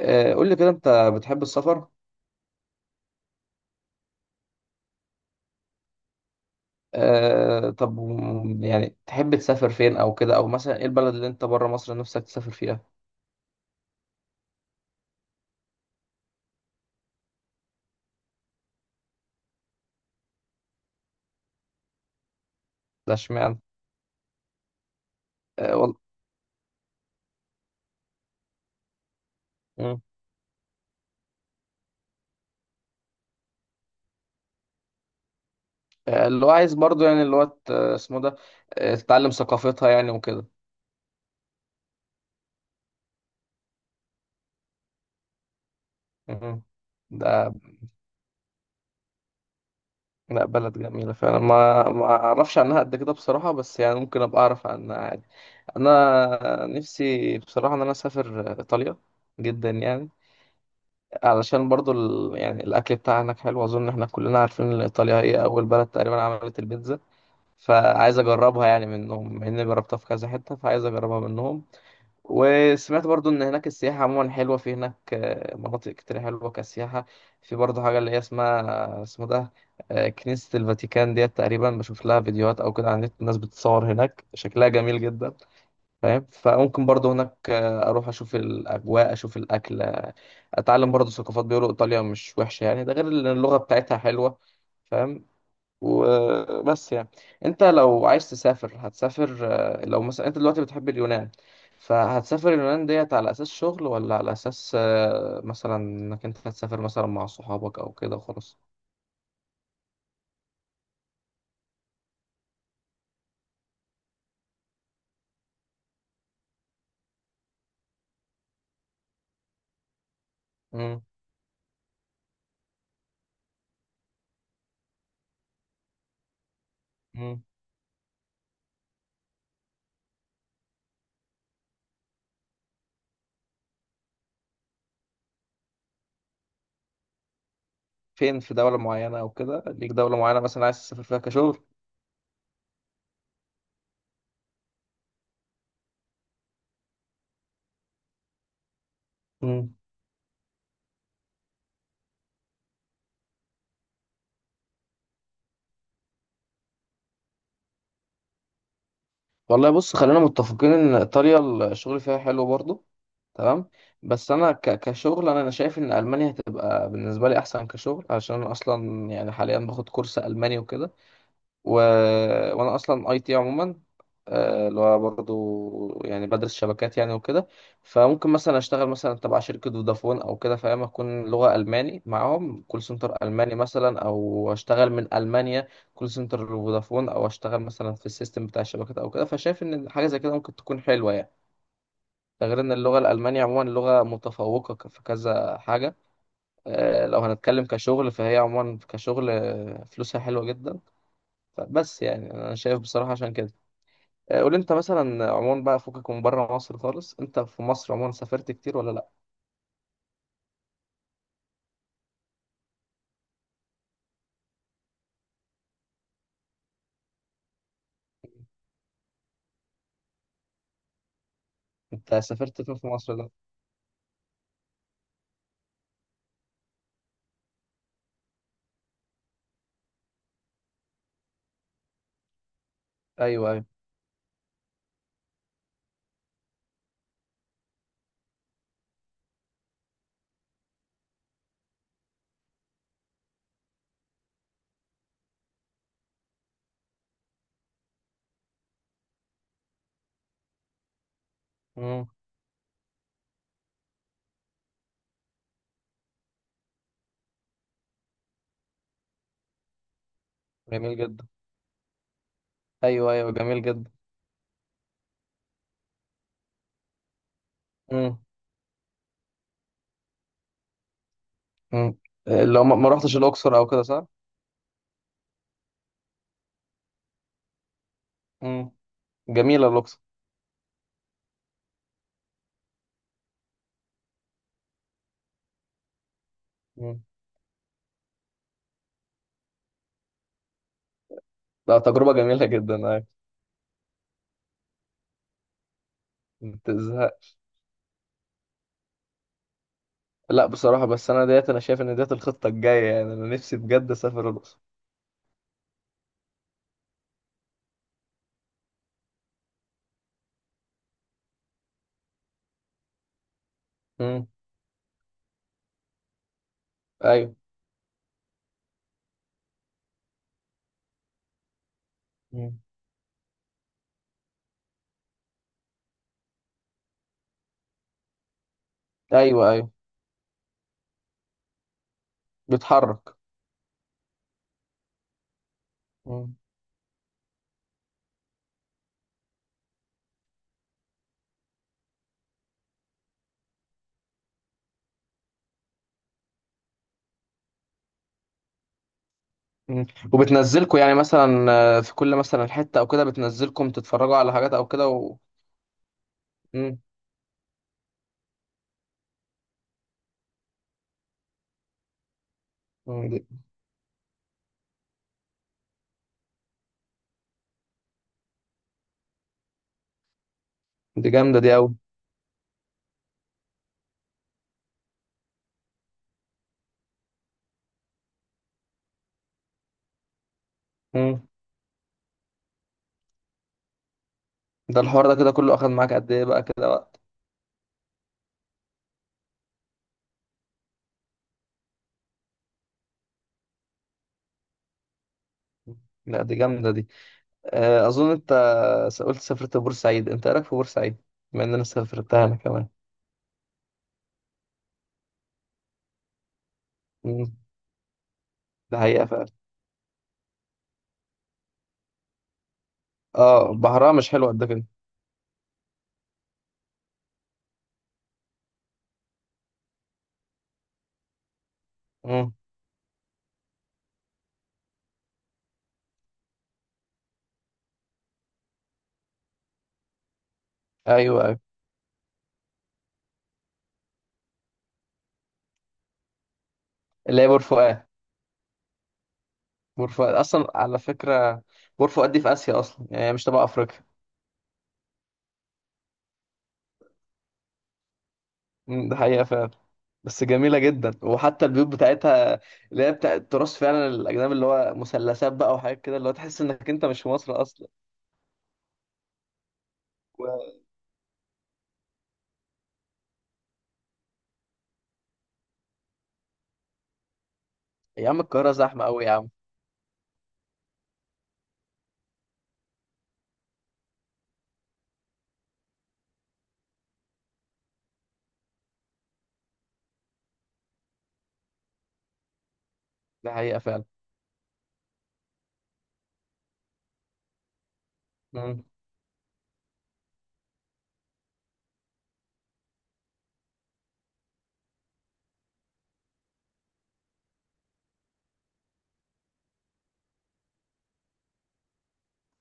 آه، قول لي كده انت بتحب السفر؟ آه، طب يعني تحب تسافر فين او كده، او مثلا ايه البلد اللي انت بره مصر نفسك تسافر فيها؟ ده اشمعنى؟ آه، مم. آه، اللي هو عايز برضو يعني اسمه ده، آه، تتعلم ثقافتها يعني وكده. مم. ده. لا، بلد جميلة فعلا، ما اعرفش عنها قد كده بصراحة، بس يعني ممكن ابقى اعرف عنها عادي. انا نفسي بصراحة ان انا اسافر ايطاليا جدا يعني، علشان برضو يعني الأكل بتاعها هناك حلو. أظن إحنا كلنا عارفين إن إيطاليا هي أول بلد تقريبا عملت البيتزا، فعايز أجربها يعني منهم، مع إني جربتها في كذا حتة، فعايز أجربها منهم. وسمعت برضو إن هناك السياحة عموما حلوة في هناك، آه، مناطق كتير حلوة كسياحة. في برضو حاجة اللي هي اسمها اسمه ده، آه، كنيسة الفاتيكان ديت، تقريبا بشوف لها فيديوهات أو كده على النت، الناس بتصور هناك شكلها جميل جدا. فاهم؟ فممكن برضو هناك آه، اروح اشوف الاجواء اشوف الاكل، آه، اتعلم برضو ثقافات. بيقولوا ايطاليا مش وحشه يعني، ده غير ان اللغه بتاعتها حلوه. فاهم؟ وبس يعني. انت لو عايز تسافر هتسافر، آه، لو مثلا انت دلوقتي بتحب اليونان، فهتسافر اليونان ديت على اساس شغل ولا على اساس آه، مثلا انك انت هتسافر مثلا مع صحابك او كده وخلاص؟ مم، مم. فين؟ في دوله معينه او كده ليك، دوله معينه مثلا عايز تسافر فيها كشغل؟ والله بص، خلينا متفقين ان ايطاليا الشغل فيها حلو برضه، تمام. بس انا كشغل، انا شايف ان المانيا هتبقى بالنسبه لي احسن كشغل، عشان انا اصلا يعني حاليا باخد كورس الماني وكده. و... وانا اصلا اي تي عموما، آه، اللي هو برضه يعني بدرس شبكات يعني وكده، فممكن مثلا اشتغل مثلا تبع شركة فودافون او كده، فاهم، اكون لغة الماني معاهم كول سنتر الماني مثلا، او اشتغل من المانيا كول سنتر فودافون، او اشتغل مثلا في السيستم بتاع الشبكات او كده، فشايف ان حاجة زي كده ممكن تكون حلوة يعني. ده غير ان اللغة الالمانية عموما لغة متفوقة في كذا حاجة. آه، لو هنتكلم كشغل، فهي عموما كشغل آه، فلوسها حلوة جدا، بس يعني انا شايف بصراحه عشان كده. آه، قول انت مثلا عموما بقى، فكك من بره مصر خالص، انت في مصر عموما سافرت كتير ولا لا؟ انت سافرت فين في مصر ده؟ ايوه، ايوه. امم. جميل جدا. ايوه، ايوه، جميل جدا. امم. امم. آه، لو ما رحتش الاقصر او كده، صح؟ امم. جميله الاقصر. امم. لا، تجربه جميله جدا، ايوه. ما تزهقش. لا بصراحه، بس انا ديت انا شايف ان ديت الخطه الجايه يعني، انا نفسي بجد اسافر الاقصر. امم. ايوه. مم. ايوه، ايوه. بتحرك. مم. وبتنزلكوا يعني مثلا آه، في كل مثلا حتة او كده، بتنزلكم تتفرجوا على حاجات او كده مم. مم. دي جامدة دي قوي. ده الحوار ده كده كله اخد معاك قد ايه بقى كده وقت؟ مم. لا، دي جامدة دي. آه، اظن انت قلت سافرت بورسعيد، انت ايه رايك في بورسعيد، بما ان انا سافرتها انا كمان؟ مم. ده حقيقة فعلا. اه، بحرها مش حلو قد كده. مم. ايوه، ايوه. اللي هي بور فؤاد. بور فؤاد اصلا على فكرة، بور فؤاد دي في اسيا اصلا، يعني هي مش تبع افريقيا. مم. ده حقيقة فعلا. بس جميلة جدا، وحتى البيوت بتاعتها اللي هي بتاع التراث فعلا الأجنبي، اللي هو مثلثات بقى وحاجات كده، اللي هو تحس إنك أنت مش في مصر أصلا. و... يا عم القاهرة زحمة أوي يا عم. ده حقيقة فعلا. مم.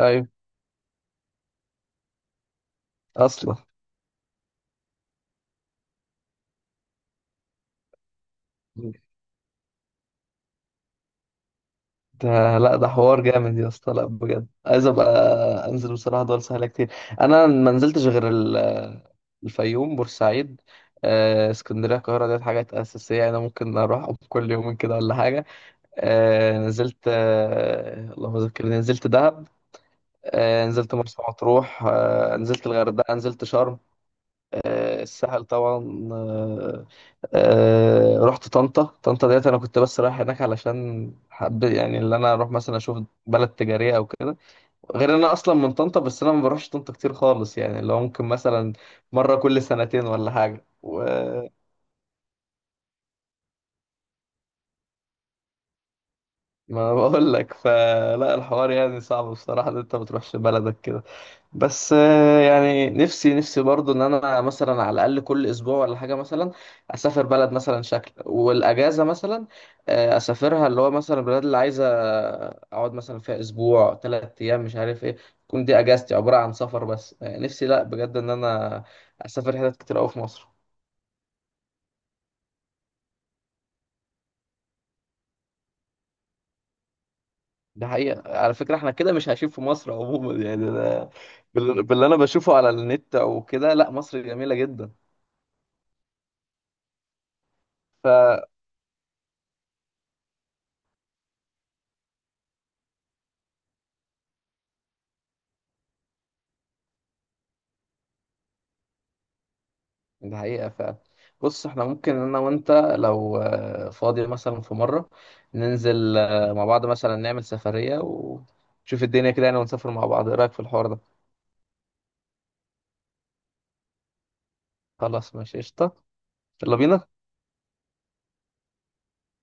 أيوة. أصلا. ده. لا ده حوار جامد يا اسطى، لا بجد عايز أبقى أنزل بصراحة، دول سهلة كتير. أنا ما نزلتش غير الفيوم، بورسعيد، آه، اسكندرية. القاهرة ديت حاجات أساسية أنا ممكن أروح كل يومين كده ولا حاجة. آه نزلت، آه اللهم ذكرني، نزلت دهب، آه نزلت مرسى مطروح، آه نزلت الغردقة، نزلت شرم، آه الساحل طبعا، آه. آه، رحت طنطا. طنطا ديت أنا كنت بس رايح هناك علشان حب يعني اللي أنا أروح مثلا أشوف بلد تجارية أو كده، غير إن أنا أصلا من طنطا، بس أنا ما بروحش طنطا كتير خالص، يعني اللي هو ممكن مثلا مرة كل سنتين ولا حاجة و ما بقول لك، فلا الحوار يعني صعب بصراحة إن أنت ما تروحش بلدك كده. بس آه، يعني نفسي نفسي برضو ان انا مثلا على الاقل كل اسبوع ولا حاجه مثلا اسافر بلد مثلا شكل والاجازه مثلا، آه، اسافرها، اللي هو مثلا البلاد اللي عايزه اقعد مثلا فيها اسبوع 3 ايام مش عارف ايه، تكون دي اجازتي عباره عن سفر بس، آه، نفسي لا بجد ان انا اسافر حتت كتير قوي في مصر. ده حقيقه على فكره، احنا كده مش عايشين في مصر عموما يعني ده، باللي انا بشوفه على النت او كده. لا مصر جميله جدا. دي حقيقة فعلا. بص، احنا ممكن انا وانت لو آه، فاضي مثلا في مرة ننزل آه، مع بعض مثلا، نعمل سفرية ونشوف الدنيا كده يعني، ونسافر مع بعض، ايه رأيك في الحوار ده؟ خلاص ماشي قشطة. يلا بينا.